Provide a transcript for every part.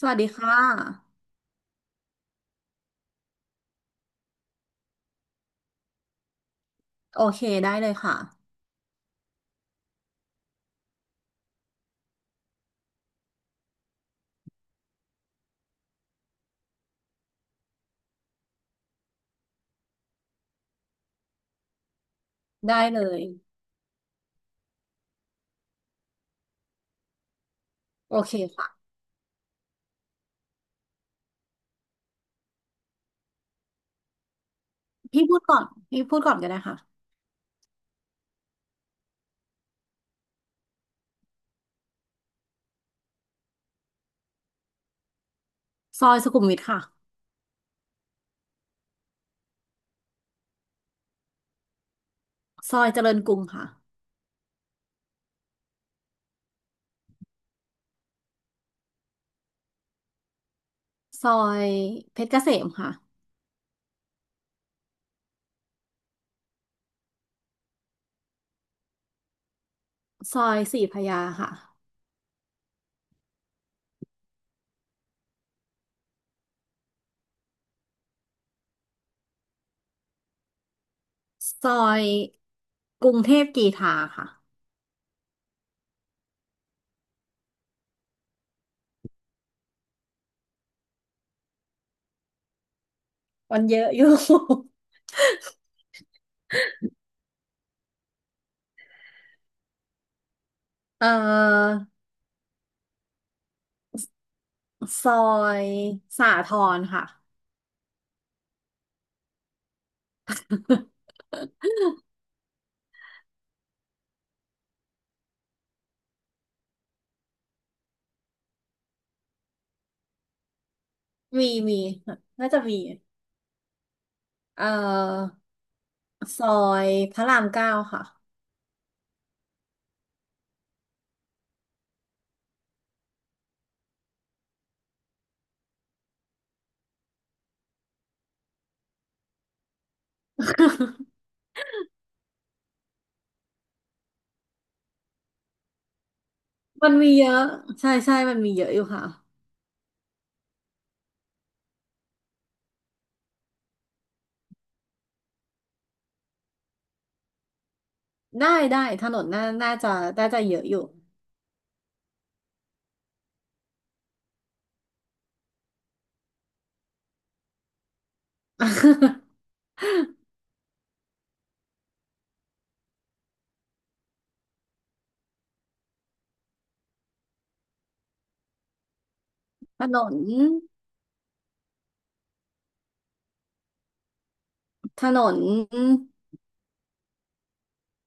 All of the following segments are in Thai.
สวัสดีค่ะโอเคได้เลยค่ะได้เลยโอเคค่ะพี่พูดก่อนพี่พูดก่อนก็ได้ค่ะซอยสุขุมวิทค่ะซอยเจริญกรุงค่ะซอยเพชรเกษมค่ะซอยศรีพระยาค่ะซอยกรุงเทพกรีฑาค่ะวันเยอะอยู่ เอ่อซอยสาทรค่ะมีน่าจะมีเอ่อซอยพระรามเก้าค่ะมันมีเยอะใช่ใช่มันมีเยอะอยู่ค่ะ ได้ถนนน่าจะน่าจะเยอะอยู่ ถนนถนน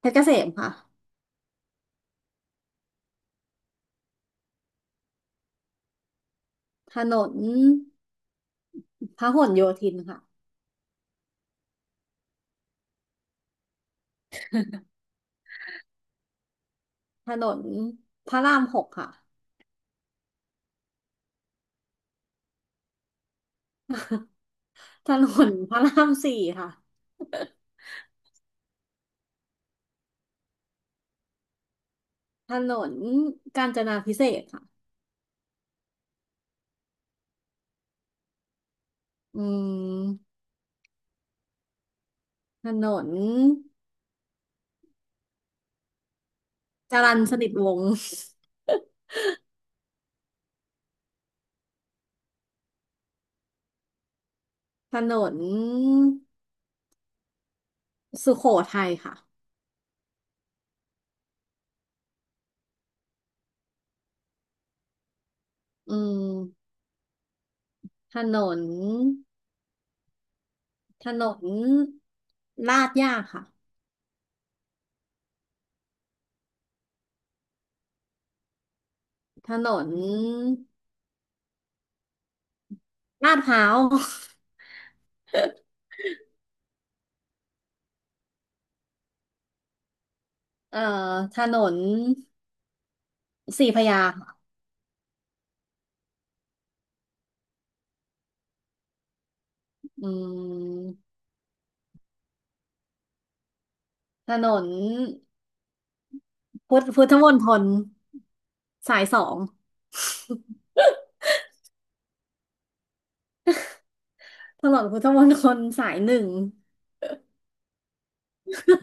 เพชรเกษมค่ะ ถนนพหลโยธินค่ะ ถนนพระรามหกค่ะ ถนนพระรามสี่ค่ะ ถนนกาญจนาพิเศษกค่ะอืมถนนจรัญสนิทวงศ์ ถนนสุโขทัยค่ะอืมถนน ถนนลาดย่าค่ะถนนลาดพร้าว เอ่อถนนสี่พระยาค่ะอืมถนนพุทธมณฑลสายสองถนนพุทธมณฑลสายหนึ่ง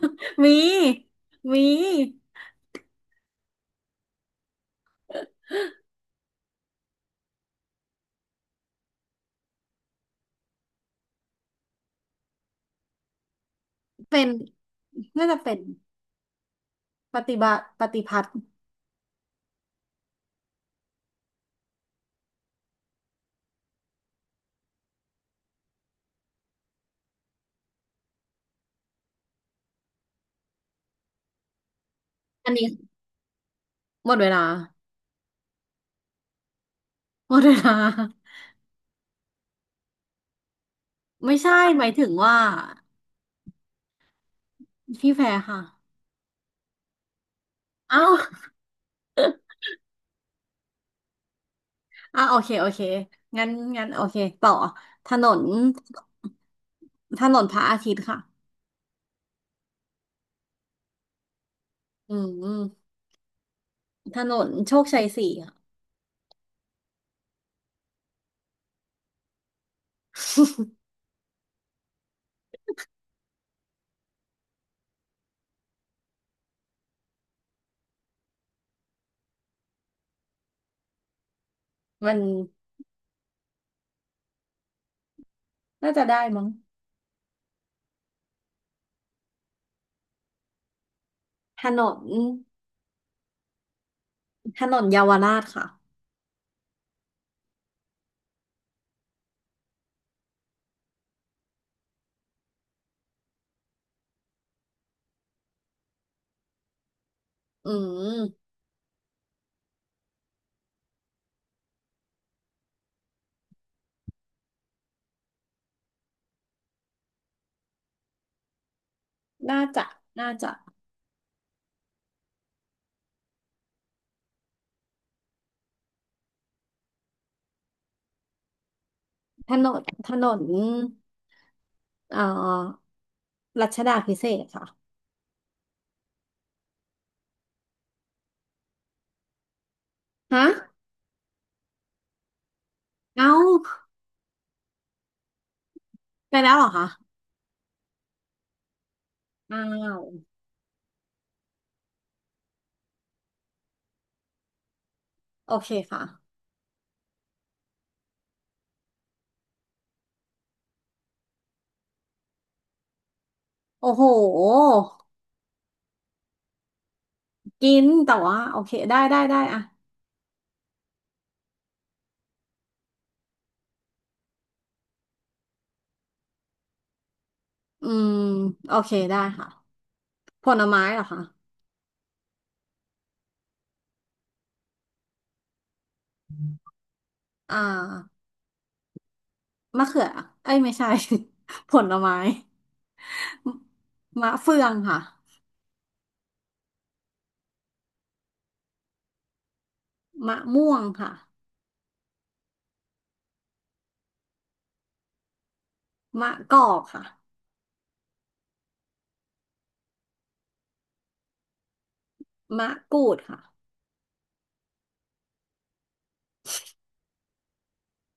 มีมีเป็นน่าจะเป็นปฏิพัฒน์อันนี้หมดเวลา หมดเวลาไม่ใช่หมายถึงว่าพี่แพรค่ะเอ้า อ่ะโอเคงั้นโอเคต่อถนนพระอาทิตย์ค่ะอืมถนนโชคชัยสี่ค่ะ มันน่าจะได้มั้งถนนเยาวราชค่ะอืมน่าจะน่าจะถนนถนนเอ่อรัชดาพิเศษกค่ะฮะเอ้าไปแล้วเหรอคะอ้าวโอเคค่ะโอ้โหกินแต่ว่าโอเคได้อะ อืมโอเคได้ค่ะผลไม้เหรอคะอ่ามะเขือเอ้ยไม่ใช่ ผลไม้มะเฟืองค่ะมะม่วงค่ะมะกอกค่ะมะกรูดค่ะ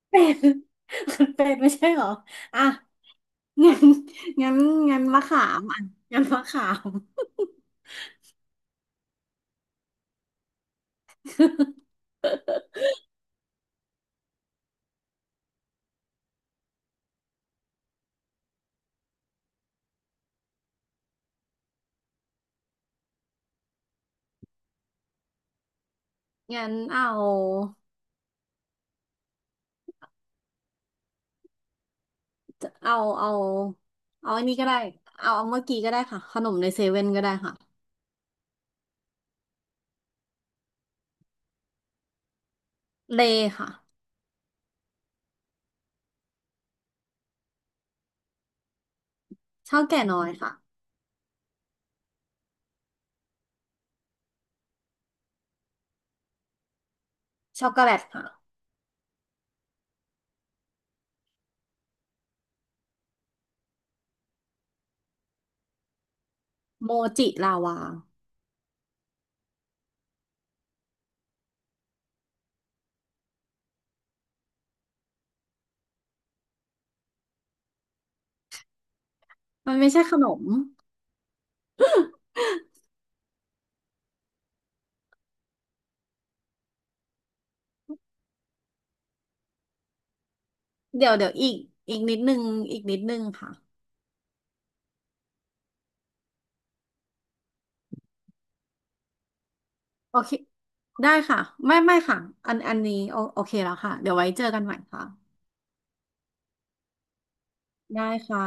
เป็ดมัน เป็ดไม่ใช่เหรออ่ะงั้นงั้นมะขามอ่ะงั้นมะขามงั้นเอาเอาเอาเอาอันนี้ก็ได้เอาเมื่อกี้ก็ได้ค่ะขนมในเซเว่นก็ได้ค่ะเลย์ค่ะข้าวแก่น้อยค่ะช็อกโกแลตค่ะ โมจิลาวามันไม่ใช่ขนมเดี๋ยวอีกอีกนิดนึงค่ะโอเคได้ค่ะไม่ค่ะอันอันนี้โอโอเคแล้วค่ะเดี๋ยวไว้เจอกันใหม่ค่ะได้ค่ะ